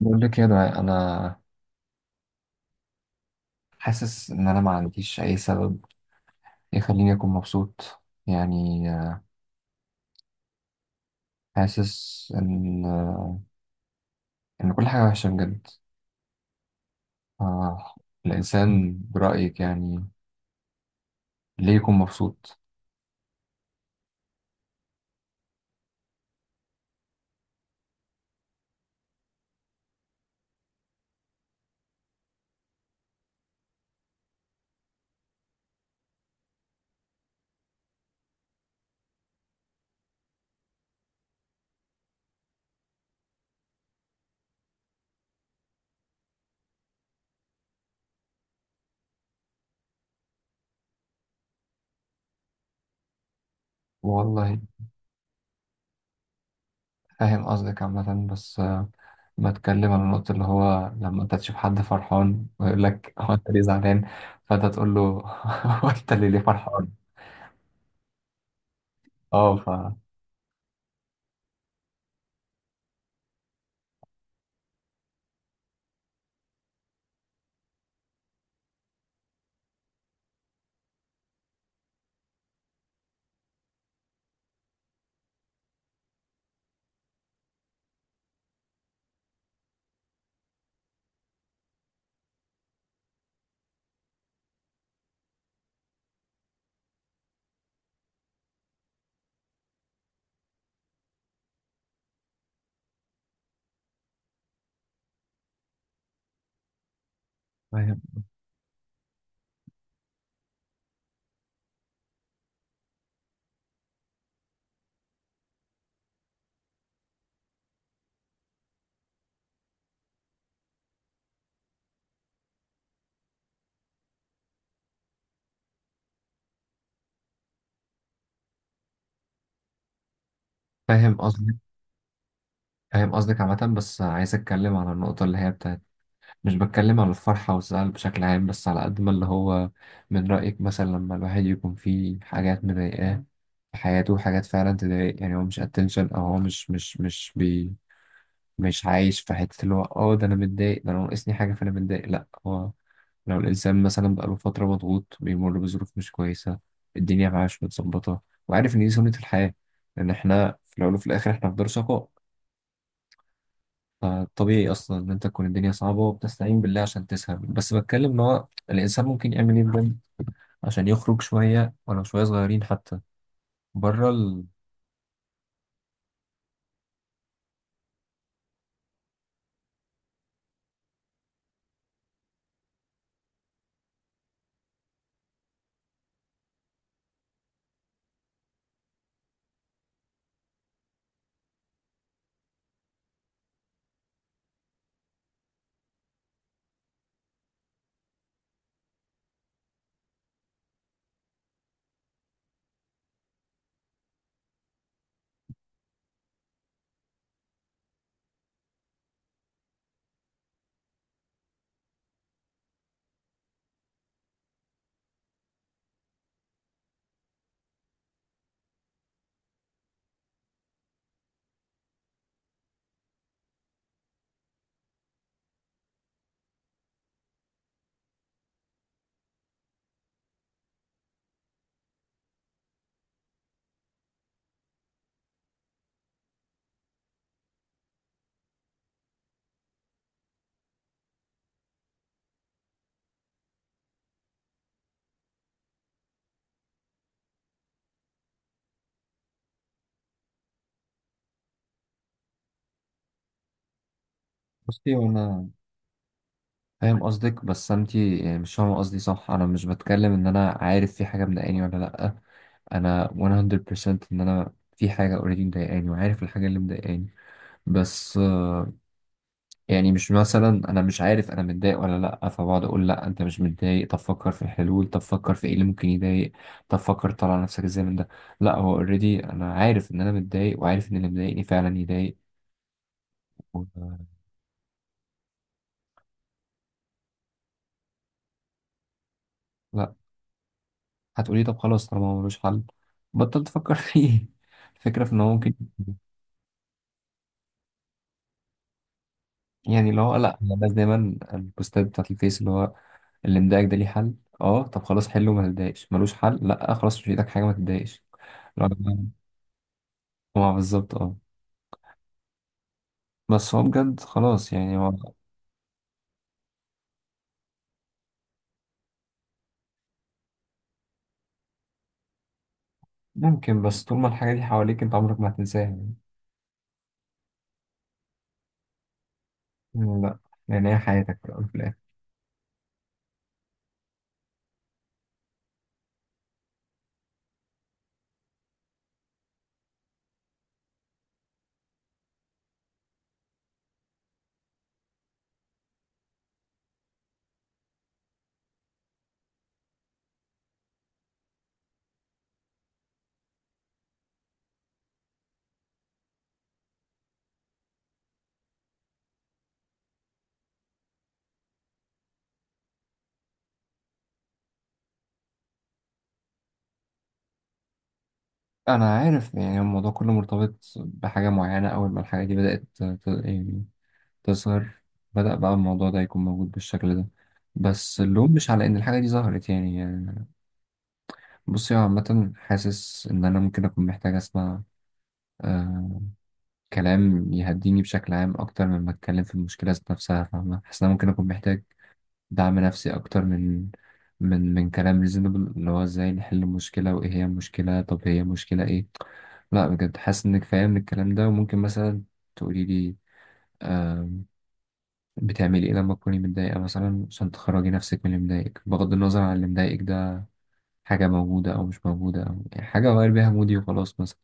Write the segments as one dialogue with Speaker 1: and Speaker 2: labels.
Speaker 1: بقول لك يا دعاء، انا حاسس ان انا ما عنديش اي سبب يخليني اكون مبسوط يعني حاسس ان كل حاجه وحشه بجد. آه، الانسان برايك يعني ليه يكون مبسوط؟ والله. فاهم قصدك عامه، بس بتكلم عن النقطه اللي هو لما انت تشوف حد فرحان ويقول لك هو انت ليه زعلان؟ فانت تقول له هو انت اللي ليه فرحان؟ اه فاهم. فاهم قصدك. فاهم قصدك عامة، بس عايز أتكلم عن النقطة اللي هي بتاعت. مش بتكلم على الفرحة والزعل بشكل عام، بس على قد ما اللي هو من رأيك مثلا لما الواحد يكون فيه حاجات مضايقاه في حياته، حاجات فعلا تضايق، يعني هو مش اتنشن، او هو مش عايش في حتة اللي هو اه ده انا متضايق، ده انا ناقصني حاجة فانا متضايق، لا هو. لو الإنسان مثلا بقاله فترة مضغوط بيمر بظروف مش كويسة، الدنيا معاه مش متظبطة، وعارف إن دي سنة الحياة، لأن إحنا في الأول وفي الآخر إحنا في دار شقاء. فطبيعي اصلا ان انت تكون الدنيا صعبه وبتستعين بالله عشان تسهر، بس بتكلم ان هو الانسان ممكن يعمل ايه بجد عشان يخرج شويه ولو شويه صغيرين حتى بره ال. بصي، وانا فاهم قصدك، بس انت يعني مش فاهمه قصدي، صح؟ انا مش بتكلم ان انا عارف في حاجه مضايقاني ولا لا. انا 100% ان انا في حاجه اوريدي مضايقاني وعارف الحاجه اللي مضايقاني، بس يعني مش مثلا انا مش عارف انا متضايق ولا لا فبقعد اقول لا انت مش متضايق، طب فكر في الحلول، طب فكر في ايه اللي ممكن يضايق، طب فكر تطلع نفسك ازاي من ده. لا هو اوريدي انا عارف ان انا متضايق وعارف ان اللي مضايقني فعلا يضايق. و- لا، هتقولي طب خلاص طالما هو ملوش حل بطل تفكر فيه الفكرة في ان هو ممكن. يعني اللي هو لا هي الناس دايما البوستات بتاعت الفيس اللي هو اللي مضايقك ده ليه حل، اه طب خلاص حله، ما تتضايقش، ملوش حل، لا خلاص مش في ايدك حاجة، ما تتضايقش. لا، ما بالظبط اه. بس هو بجد خلاص يعني هو ممكن، بس طول ما الحاجة دي حواليك انت عمرك ما هتنساها يعني. لا. يعني هي حياتك في الأول وفي الآخر. أنا عارف يعني الموضوع كله مرتبط بحاجة معينة، أول ما الحاجة دي بدأت يعني تظهر، بدأ بقى الموضوع ده يكون موجود بالشكل ده، بس اللوم مش على إن الحاجة دي ظهرت يعني. بصي، هو عامة حاسس إن أنا ممكن أكون محتاج أسمع آه كلام يهديني بشكل عام أكتر مما أتكلم في المشكلة ذات نفسها، فاهمة؟ حاسس إن أنا ممكن أكون محتاج دعم نفسي أكتر من كلام ريزونبل اللي هو ازاي نحل المشكلة وإيه هي المشكلة، طب هي مشكلة إيه. لا بجد حاسس إنك فاهم من الكلام ده، وممكن مثلا تقولي لي آم، بتعملي إيه لما تكوني متضايقة مثلا عشان تخرجي نفسك من اللي مضايقك، بغض النظر عن اللي مضايقك ده حاجة موجودة أو مش موجودة، أو يعني حاجة أغير بيها مودي وخلاص مثلا.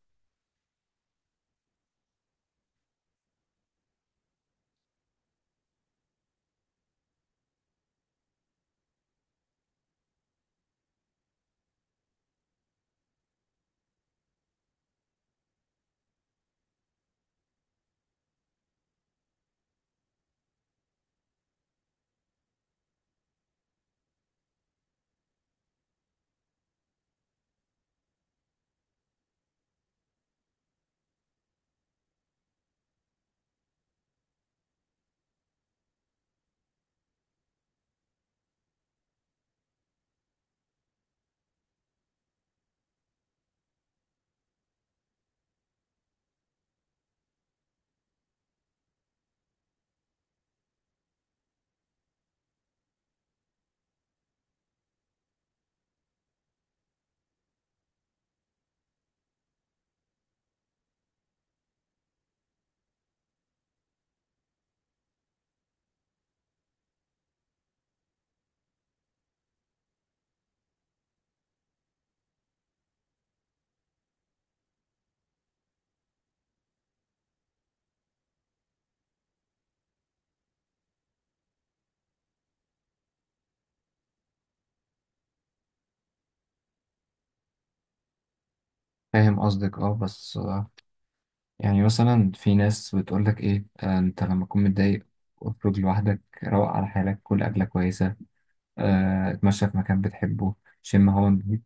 Speaker 1: فاهم قصدك اه، بس يعني مثلا في ناس بتقولك ايه، انت لما تكون متضايق اخرج لوحدك، روق على حالك، كل أكلة كويسة، اتمشى في مكان بتحبه، شم هوا نضيف.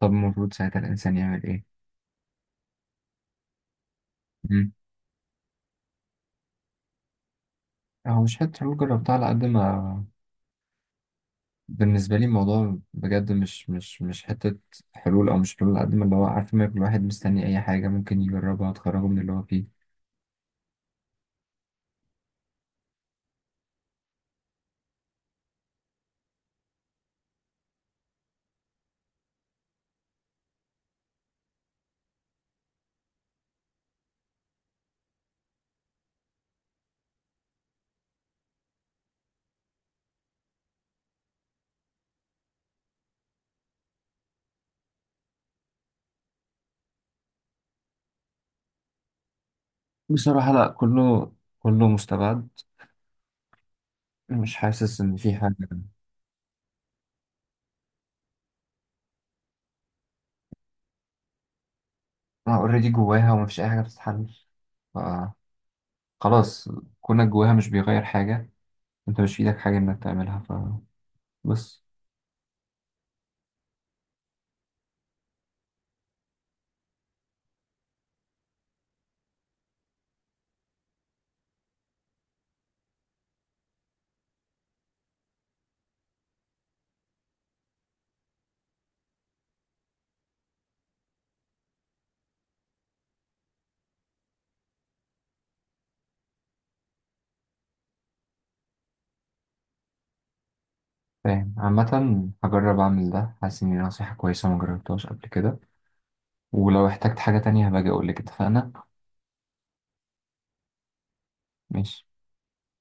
Speaker 1: طب المفروض ساعتها الإنسان يعمل إيه؟ مم. هو مش حتة حلول جربتها على قد ما بالنسبة لي الموضوع بجد مش حتة حلول، أو مش حلول على قد ما اللي هو عارف ما كل واحد مستني أي حاجة ممكن يجربها تخرجه من اللي هو فيه. بصراحة لأ، كله كله مستبعد. مش حاسس إن في حاجة. أنا أوريدي جواها ومفيش أي حاجة بتتحل. ف- خلاص، كونك جواها مش بيغير حاجة، أنت مش في إيدك حاجة إنك تعملها، فبس. فاهم، عامة هجرب أعمل ده، حاسس إن دي نصيحة كويسة ما جربتهاش قبل كده، ولو احتجت حاجة تانية هبقى أجي أقولك، اتفقنا؟ ماشي.